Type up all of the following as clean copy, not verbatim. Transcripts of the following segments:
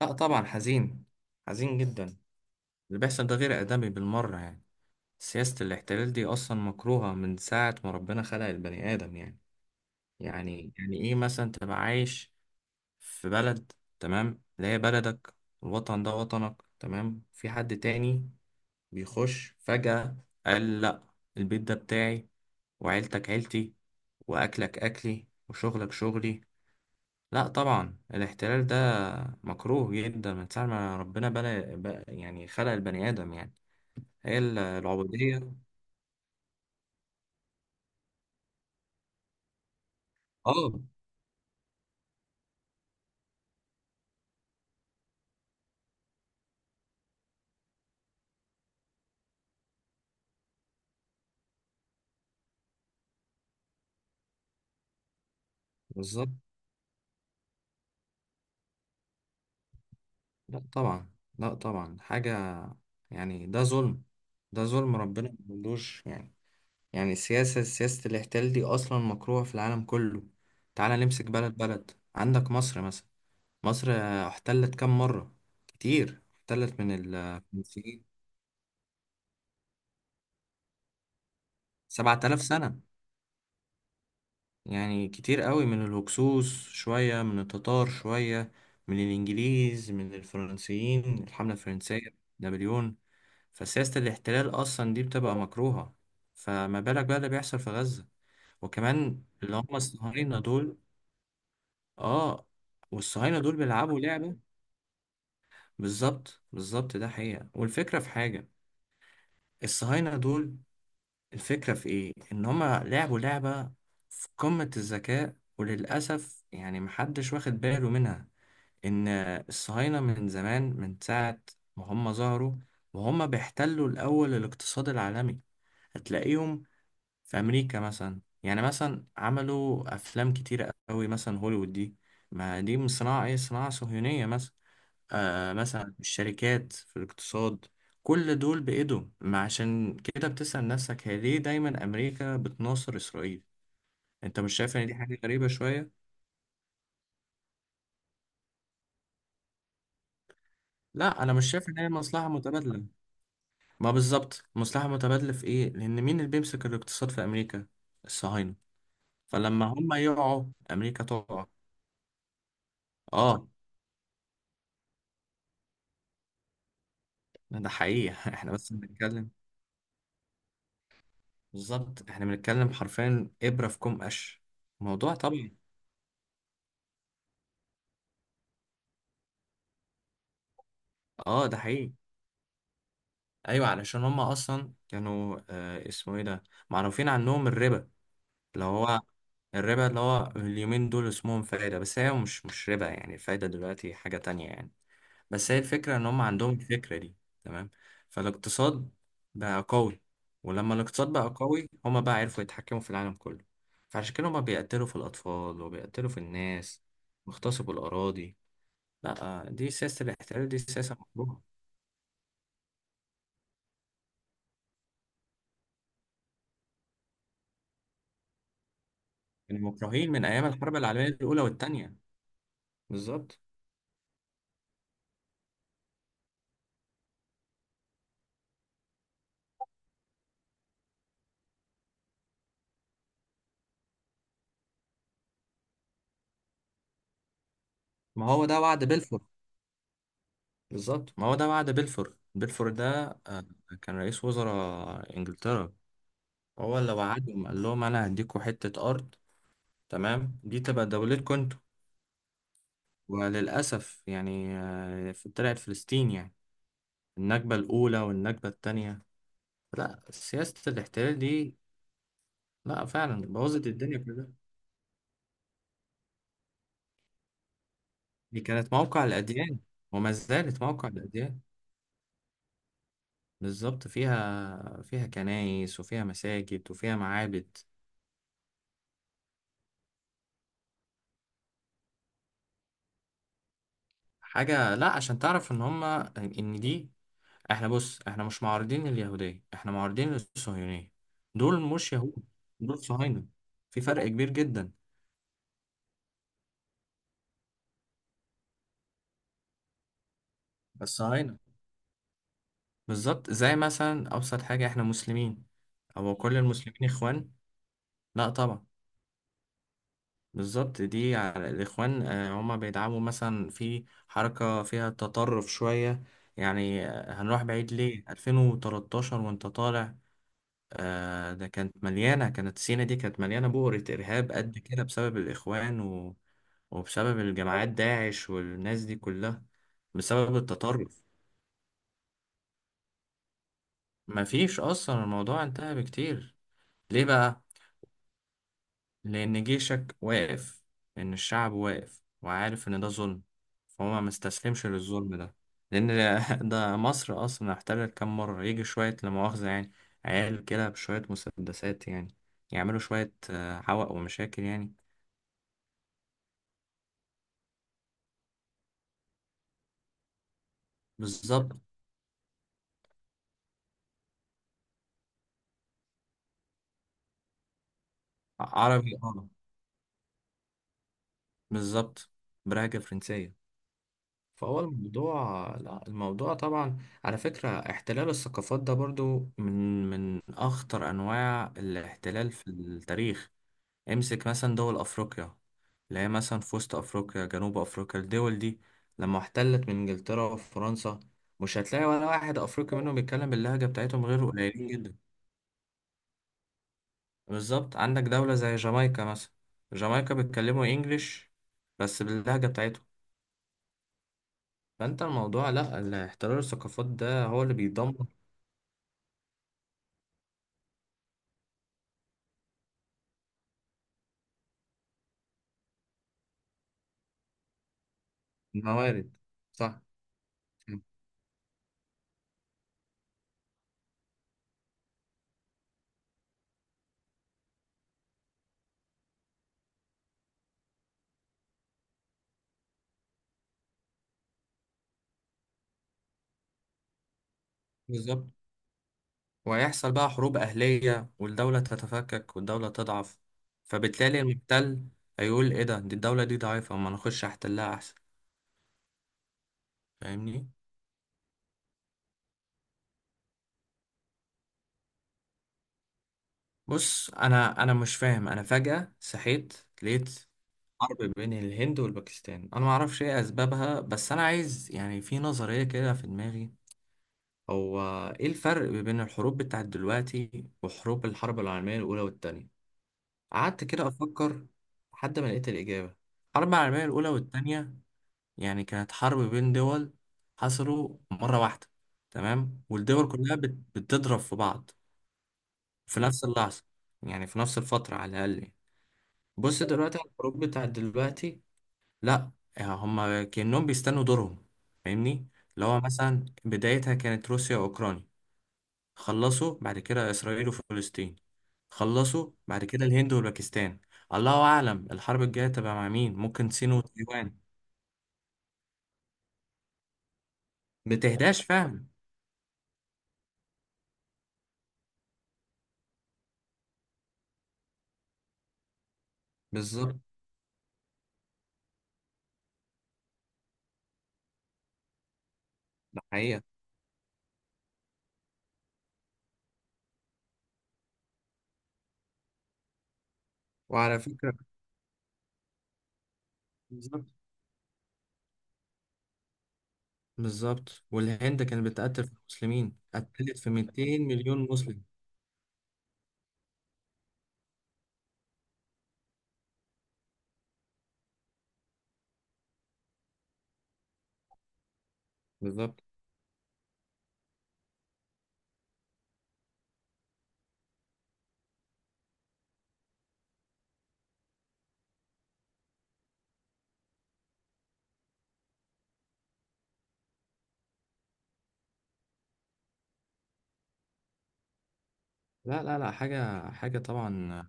لا طبعا حزين. حزين جدا. اللي بيحصل ده غير آدمي بالمرة يعني. سياسة الاحتلال دي أصلا مكروهة من ساعة ما ربنا خلق البني آدم يعني. يعني إيه مثلا تبقى عايش في بلد، تمام، اللي هي بلدك، الوطن ده وطنك، تمام، في حد تاني بيخش فجأة، قال لأ البيت ده بتاعي وعيلتك عيلتي وأكلك أكلي وشغلك شغلي. لا طبعا الاحتلال ده مكروه جدا من ساعة ما ربنا يعني خلق البني آدم يعني. هي العبودية. اه، بالظبط. لا طبعا. لا طبعا حاجة، يعني ده ظلم. ده ظلم ربنا ملوش يعني. يعني السياسة، سياسة الاحتلال دي أصلا مكروهة في العالم كله. تعالى نمسك بلد بلد، عندك مصر مثلا. مصر احتلت كم مرة؟ كتير. احتلت من الفرنسيين، 7000 سنة يعني، كتير قوي. من الهكسوس شوية، من التتار شوية، من الإنجليز، من الفرنسيين، الحملة الفرنسية، نابليون. فسياسة الاحتلال أصلا دي بتبقى مكروهة. فما بالك بقى اللي بيحصل في غزة، وكمان اللي هم الصهاينة دول. آه. والصهاينة دول بيلعبوا لعبة. بالظبط، بالظبط، ده حقيقة. والفكرة في حاجة، الصهاينة دول، الفكرة في إيه؟ إن هما لعبوا لعبة في قمة الذكاء، وللأسف يعني محدش واخد باله منها. ان الصهاينة من زمان، من ساعة ما هم ظهروا وهم بيحتلوا الاول الاقتصاد العالمي. هتلاقيهم في امريكا مثلا، يعني مثلا عملوا افلام كتيرة قوي، مثلا هوليوود دي، ما دي من صناعة ايه؟ صناعة صهيونية مثلا. آه، مثلا الشركات في الاقتصاد، كل دول بإيدهم. ما عشان كده بتسأل نفسك، هي ليه دايما أمريكا بتناصر إسرائيل؟ أنت مش شايف إن دي حاجة غريبة شوية؟ لا، أنا مش شايف إن هي مصلحة متبادلة. ما بالظبط، مصلحة متبادلة في إيه؟ لأن مين اللي بيمسك الاقتصاد في أمريكا؟ الصهاينة. فلما هم يقعوا، أمريكا تقع. آه، ده حقيقي. إحنا بس بنتكلم. بالظبط، إحنا بنتكلم حرفيا إبرة في كوم قش. الموضوع طبيعي. آه، ده حقيقي. أيوة، علشان هم أصلا كانوا آه اسمه إيه ده؟ معروفين عنهم الربا، اللي هو الربا. اللي هو اليومين دول اسمهم فايدة، بس هي مش ربا يعني، الفايدة دلوقتي حاجة تانية يعني. بس هي الفكرة ان هم عندهم الفكرة دي، تمام. فالاقتصاد بقى قوي، ولما الاقتصاد بقى قوي هم بقى عرفوا يتحكموا في العالم كله. فعشان كده هم بيقتلوا في الاطفال وبيقتلوا في الناس، بيغتصبوا الاراضي. لا، دي سياسة الاحتلال، دي سياسة مكروهة. يعني مكروهين من ايام الحرب العالمية الاولى والتانية. بالظبط، ما هو ده وعد بلفور. بلفور ده كان رئيس وزراء انجلترا. هو اللي وعدهم، قال لهم انا هديكوا حتة ارض، تمام، دي تبقى دولتكم انتوا. وللأسف يعني، طلعت فلسطين يعني، النكبة الأولى والنكبة التانية. لا سياسة الاحتلال دي، لا فعلا بوظت الدنيا كلها. دي كانت موقع الأديان، وما زالت موقع الأديان. بالظبط، فيها فيها كنايس وفيها مساجد وفيها معابد. حاجة، لا، عشان تعرف إن هما، إن دي، إحنا بص إحنا مش معارضين اليهودية، إحنا معارضين الصهيونية. دول مش يهود، دول صهاينة، في فرق كبير جدا. بس عينة. بالظبط، زي مثلا أبسط حاجة، إحنا مسلمين أو كل المسلمين إخوان؟ لا طبعا. بالظبط، دي على الإخوان. هما بيدعموا مثلا في حركة فيها تطرف شوية يعني. هنروح بعيد ليه، 2013 وأنت طالع، ده كانت مليانة، كانت سينا دي كانت مليانة بؤرة إرهاب قد كده، بسبب الإخوان وبسبب الجماعات داعش والناس دي كلها، بسبب التطرف. مفيش أصلا، الموضوع انتهى بكتير. ليه بقى؟ لأن جيشك واقف، إن الشعب واقف وعارف إن ده ظلم، فهو ما مستسلمش للظلم ده. لأن ده مصر أصلا احتلت كام مرة، يجي شوية لا مؤاخذة يعني عيال كده بشوية مسدسات يعني، يعملوا شوية حوق ومشاكل يعني. بالظبط. عربي اه. بالظبط، برهجة فرنسية. فهو الموضوع لا، الموضوع طبعا. على فكرة، احتلال الثقافات ده برضو من أخطر أنواع الاحتلال في التاريخ. امسك مثلا دول افريقيا، اللي هي مثلا في وسط افريقيا، جنوب افريقيا، الدول دي لما احتلت من انجلترا وفرنسا، مش هتلاقي ولا واحد افريقي منهم بيتكلم باللهجة بتاعتهم، غير قليلين جدا. بالظبط. عندك دولة زي جامايكا مثلا، جامايكا بيتكلموا انجليش، بس باللهجة بتاعتهم. فانت الموضوع، لا الاحترار الثقافات ده هو اللي بيدمر. الموارد، صح. بالظبط، وهيحصل بقى حروب أهلية، والدولة تتفكك والدولة تضعف، فبالتالي المحتل هيقول إيه ده؟ دي الدولة دي ضعيفة، ما نخش أحتلها أحسن. فاهمني. بص، أنا مش فاهم، أنا فجأة صحيت لقيت حرب بين الهند والباكستان. أنا معرفش إيه أسبابها، بس أنا عايز يعني، في نظرية كده في دماغي، هو إيه الفرق بين الحروب بتاعت دلوقتي وحروب الحرب العالمية الأولى والتانية؟ قعدت كده أفكر، لحد ما لقيت الإجابة. الحرب العالمية الأولى والتانية، يعني كانت حرب بين دول، حصلوا مرة واحدة، تمام، والدول كلها بتضرب في بعض في نفس اللحظة، يعني في نفس الفترة على الأقل يعني. بص دلوقتي على الحروب بتاعت دلوقتي، لا، هم كأنهم بيستنوا دورهم، فاهمني. اللي هو مثلا بدايتها كانت روسيا وأوكرانيا، خلصوا بعد كده إسرائيل وفلسطين، خلصوا بعد كده الهند والباكستان. الله أعلم الحرب الجاية تبقى مع مين، ممكن الصين وتايوان. بتهداش، فاهم. بالظبط، ده حقيقة. وعلى فكرة، بالظبط، بالظبط، والهند كانت بتقتل في المسلمين، قتلت في 200 مليون مسلم. بالظبط. لا لا لا، حاجة حاجة طبعا.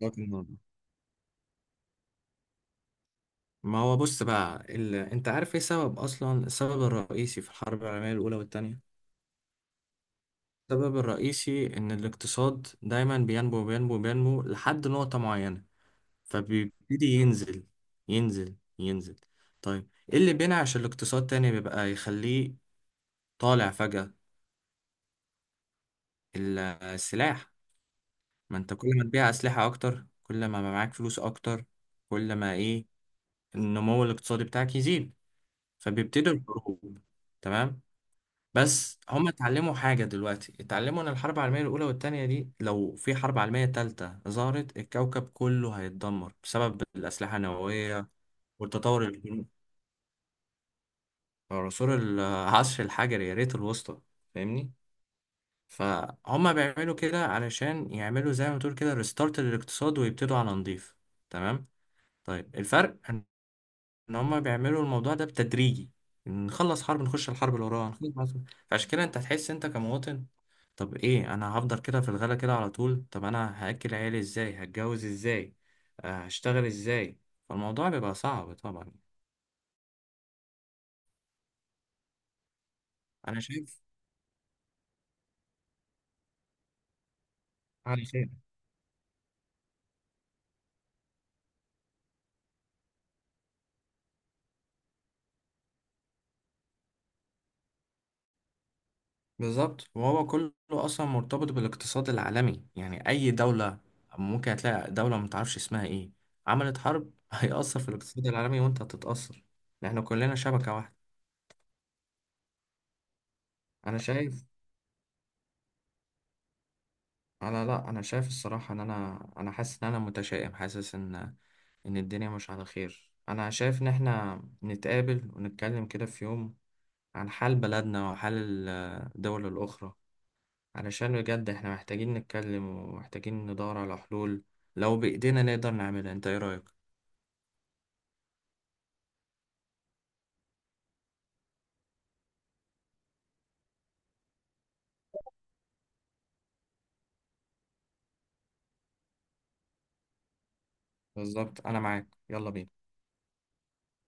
لكن- ما هو بص بقى انت عارف ايه سبب، اصلا السبب الرئيسي في الحرب العالمية الاولى والتانية؟ السبب الرئيسي ان الاقتصاد دايما بينمو بينمو بينمو لحد نقطة معينة، فبيبتدي ينزل ينزل ينزل. طيب ايه اللي بينعش الاقتصاد تاني، بيبقى يخليه طالع فجأة؟ السلاح. ما انت كل ما تبيع اسلحة اكتر، كل ما بقى معاك فلوس اكتر، كل ما ايه، النمو الاقتصادي بتاعك يزيد. فبيبتدوا الحروب، تمام. بس هم اتعلموا حاجة دلوقتي، اتعلموا ان الحرب العالمية الاولى والتانية دي، لو في حرب عالمية تالتة ظهرت، الكوكب كله هيتدمر بسبب الاسلحة النووية. والتطور الجنو- عصور، العصر الحجري، يا ريت الوسطى، فاهمني. فهم بيعملوا كده علشان يعملوا زي ما تقول كده ريستارت للاقتصاد، ويبتدوا على نضيف، تمام. طيب الفرق ان، إن هما بيعملوا الموضوع ده بتدريجي، نخلص حرب نخش الحرب اللي وراها فعشان كده انت هتحس، انت كمواطن، طب ايه، انا هفضل كده في الغلا كده على طول؟ طب انا هاكل عيالي ازاي؟ هتجوز ازاي؟ هشتغل ازاي؟ فالموضوع بيبقى صعب طبعا. انا شايف، على خير. بالظبط، وهو كله اصلا مرتبط بالاقتصاد العالمي، يعني اي دولة، ممكن هتلاقي دولة ما تعرفش اسمها ايه عملت حرب، هيأثر في الاقتصاد العالمي وانت هتتأثر، لان احنا كلنا شبكة واحدة. انا شايف، لا انا شايف الصراحه ان انا حاسس ان انا متشائم، حاسس ان ان الدنيا مش على خير. انا شايف ان احنا نتقابل ونتكلم كده في يوم عن حال بلدنا وحال الدول الاخرى، علشان بجد احنا محتاجين نتكلم ومحتاجين ندور على حلول، لو بايدينا نقدر نعملها. انت ايه رايك؟ بالظبط، انا معاك، يلا بينا.